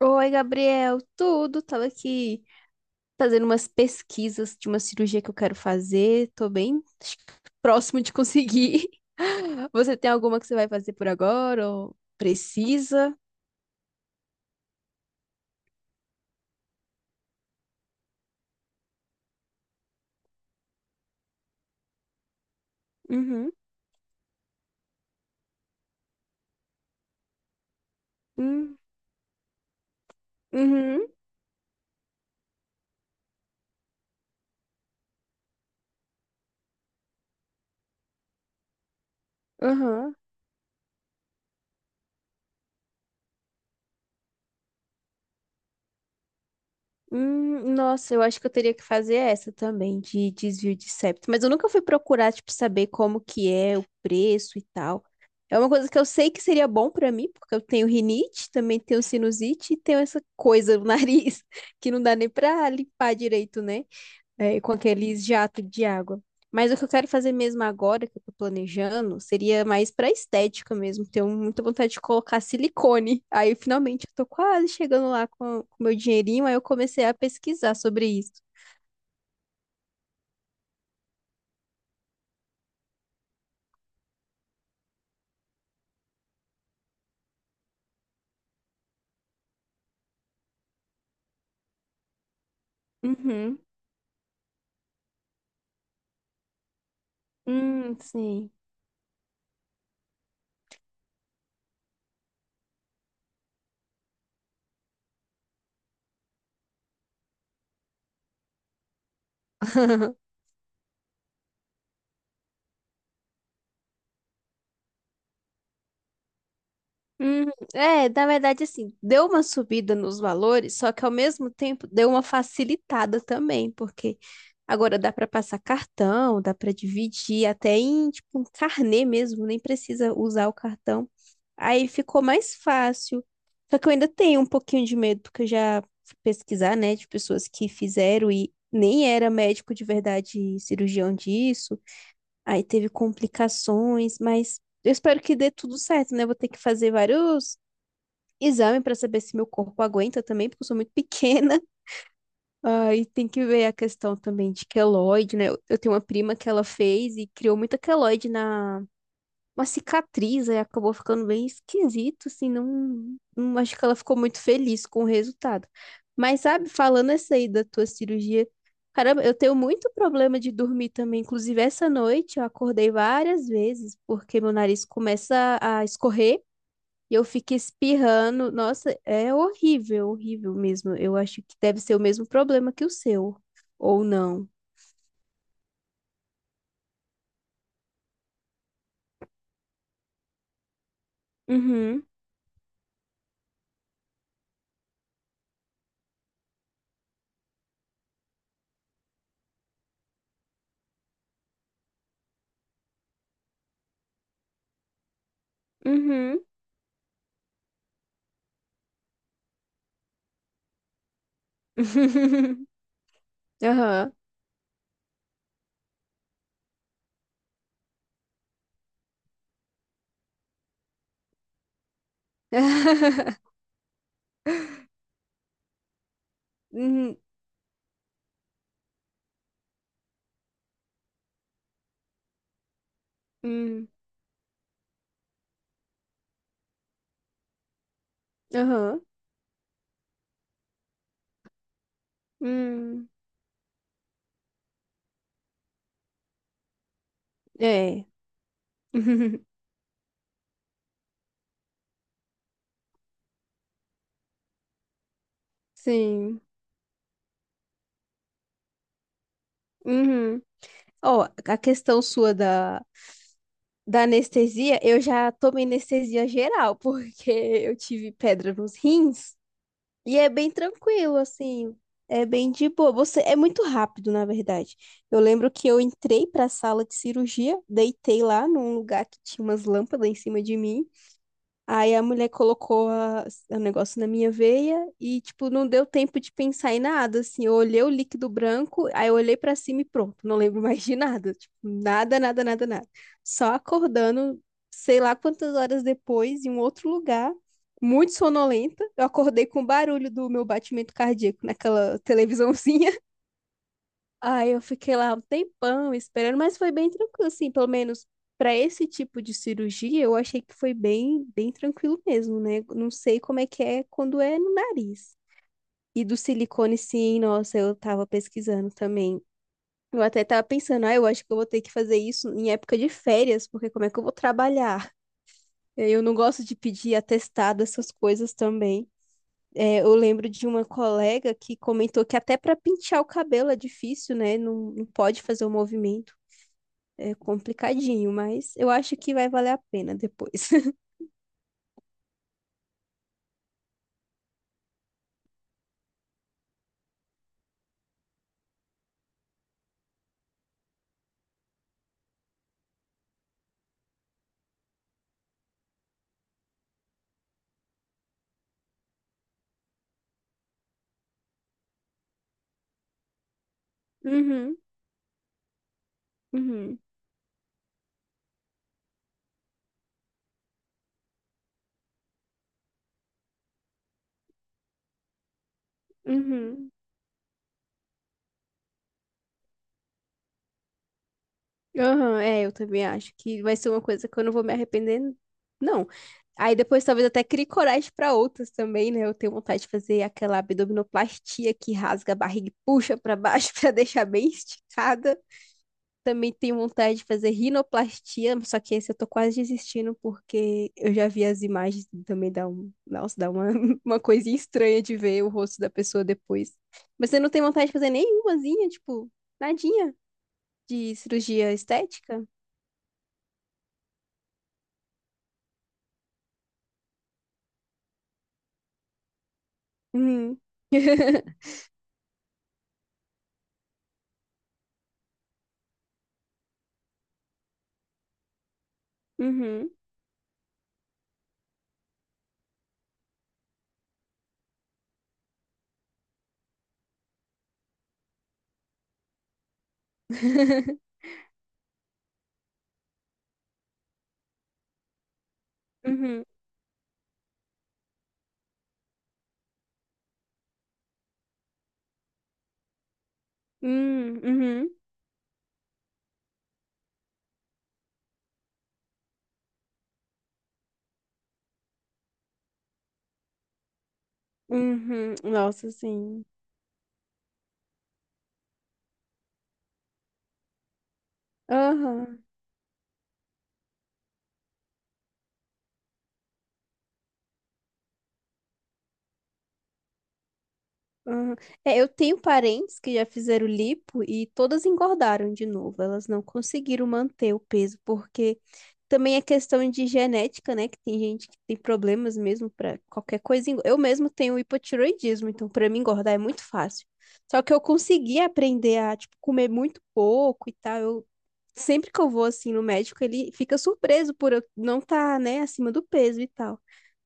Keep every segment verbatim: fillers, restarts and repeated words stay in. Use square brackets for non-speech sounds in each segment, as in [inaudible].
Oi, Gabriel, tudo? Tava aqui fazendo umas pesquisas de uma cirurgia que eu quero fazer. Tô bem próximo de conseguir. [laughs] Você tem alguma que você vai fazer por agora ou precisa? Uhum. Hum. Uhum. Uhum. Hum, nossa, eu acho que eu teria que fazer essa também, de desvio de septo. Mas eu nunca fui procurar, tipo, saber como que é o preço e tal. É uma coisa que eu sei que seria bom pra mim, porque eu tenho rinite, também tenho sinusite e tenho essa coisa no [laughs] nariz que não dá nem pra limpar direito, né? É, com aqueles jatos de água. Mas o que eu quero fazer mesmo agora, que eu tô planejando, seria mais pra estética mesmo. Tenho muita vontade de colocar silicone. Aí, finalmente, eu tô quase chegando lá com o meu dinheirinho, aí eu comecei a pesquisar sobre isso. Uhum. Hum, sim. [laughs] hum É, na verdade, assim, deu uma subida nos valores, só que ao mesmo tempo deu uma facilitada também, porque agora dá para passar cartão, dá para dividir até em tipo um carnê mesmo, nem precisa usar o cartão. Aí ficou mais fácil. Só que eu ainda tenho um pouquinho de medo, porque eu já fui pesquisar, né, de pessoas que fizeram e nem era médico de verdade, cirurgião disso. Aí teve complicações, mas eu espero que dê tudo certo, né? Eu Vou ter que fazer vários exames para saber se meu corpo aguenta também, porque eu sou muito [laughs] pequena. Aí tem que ver a questão também de queloide, né? Eu eu tenho uma prima que ela fez e criou muita queloide na uma cicatriz, aí acabou ficando bem esquisito, assim, não, não acho que ela ficou muito feliz com o resultado. Mas sabe, falando essa aí da tua cirurgia, caramba, eu tenho muito problema de dormir também, inclusive essa noite eu acordei várias vezes porque meu nariz começa a escorrer e eu fico espirrando. Nossa, é horrível, horrível mesmo. Eu acho que deve ser o mesmo problema que o seu, ou não. Uhum, uhum. [laughs] Aham. [laughs] Hum, aham. Hum, é. [laughs] Sim. Uhum. Ó, a questão sua da, da anestesia, eu já tomei anestesia geral, porque [laughs] eu tive pedra nos rins. E é bem tranquilo, assim. É bem de boa. Você é muito rápido, na verdade. Eu lembro que eu entrei para a sala de cirurgia, deitei lá num lugar que tinha umas lâmpadas em cima de mim. Aí a mulher colocou a- o negócio na minha veia e, tipo, não deu tempo de pensar em nada, assim. Eu olhei o líquido branco, aí eu olhei pra cima e pronto, não lembro [laughs] mais de nada. Tipo, nada, nada, nada, nada. Só acordando, sei lá quantas horas depois, em um outro lugar, muito sonolenta. Eu acordei com o barulho do meu batimento cardíaco naquela televisãozinha. Aí eu fiquei lá um tempão esperando, mas foi bem tranquilo, assim, pelo menos para esse tipo de cirurgia, eu achei que foi bem, bem tranquilo mesmo, né? Não sei como é que é quando é no nariz. E do silicone, sim, nossa, eu tava pesquisando também. Eu até tava pensando, ah, eu acho que eu vou ter que fazer isso em época de férias, porque como é que eu vou trabalhar? Eu não gosto de pedir atestado, essas coisas também. É, eu lembro de uma colega que comentou que até para pentear o cabelo é difícil, né? Não, não pode fazer o movimento. É complicadinho, mas eu acho que vai valer a pena depois. [laughs] Uhum, uhum, uhum. Aham, é, eu também acho que vai ser uma coisa que eu não vou me arrepender, não. Aí depois talvez até crie coragem para outras também, né? Eu tenho vontade de fazer aquela abdominoplastia que rasga a barriga e puxa para baixo [laughs] para deixar bem esticada. Também tenho vontade de fazer rinoplastia, só que esse eu tô quase desistindo porque eu já vi as imagens e também dá um, nossa, dá uma, [laughs] uma coisinha estranha de ver o rosto da pessoa depois. Mas você não tem vontade de fazer nenhumazinha, tipo, nadinha de cirurgia estética? Uhum. Uhum. [laughs] Uhum. Uhum. Uhum. Uhum. Nossa, sim. Aham. Aham. É, eu tenho parentes que já fizeram lipo e todas engordaram de novo. Elas não conseguiram manter o peso, porque também é questão de genética, né? Que tem gente que tem problemas mesmo para qualquer coisa. engo- Eu mesmo tenho hipotiroidismo, então para mim engordar é muito fácil. Só que eu consegui aprender a, tipo, comer muito pouco e tal. Eu, sempre que eu vou assim no médico, ele fica surpreso por eu não estar, né, acima do peso e tal.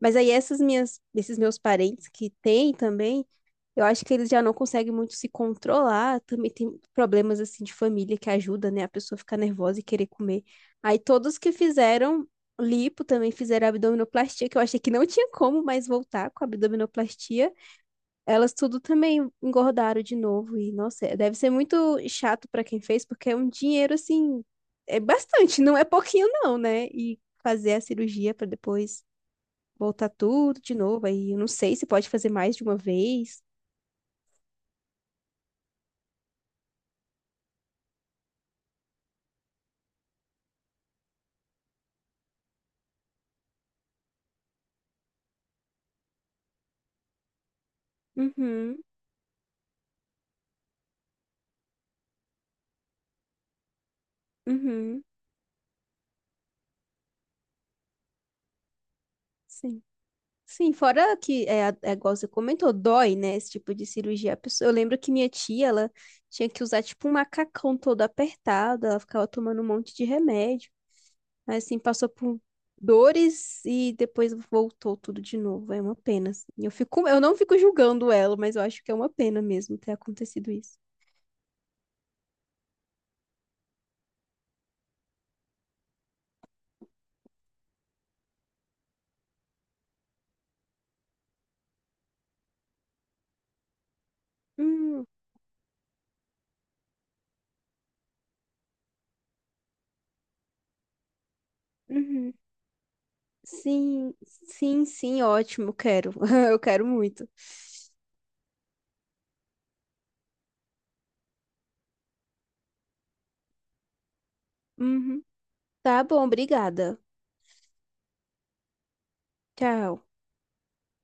Mas aí essas minhas, esses meus parentes que têm também, eu acho que eles já não conseguem muito se controlar, também tem problemas assim de família que ajuda, né, a pessoa ficar nervosa e querer comer. Aí todos que fizeram lipo também fizeram abdominoplastia, que eu achei que não tinha como mais voltar com a abdominoplastia. Elas tudo também engordaram de novo e nossa, é, deve ser muito chato para quem fez, porque é um dinheiro assim, é bastante, não é pouquinho não, né? E fazer a cirurgia para depois voltar tudo de novo. Aí eu não sei se pode fazer mais de uma vez. Uhum, uhum, sim. Sim, fora que, é, a- é igual você comentou, dói, né, esse tipo de cirurgia. A pessoa- Eu lembro que minha tia, ela tinha que usar, tipo, um macacão todo apertado, ela ficava tomando um monte de remédio. assim, passou por dores e depois voltou tudo de novo. É uma pena. assim. Eu fico, eu não fico julgando ela, mas eu acho que é uma pena mesmo ter acontecido isso. Hum, uhum. Sim, sim, sim, ótimo, quero. [laughs] Eu quero muito. Uhum. Tá bom, obrigada. Tchau.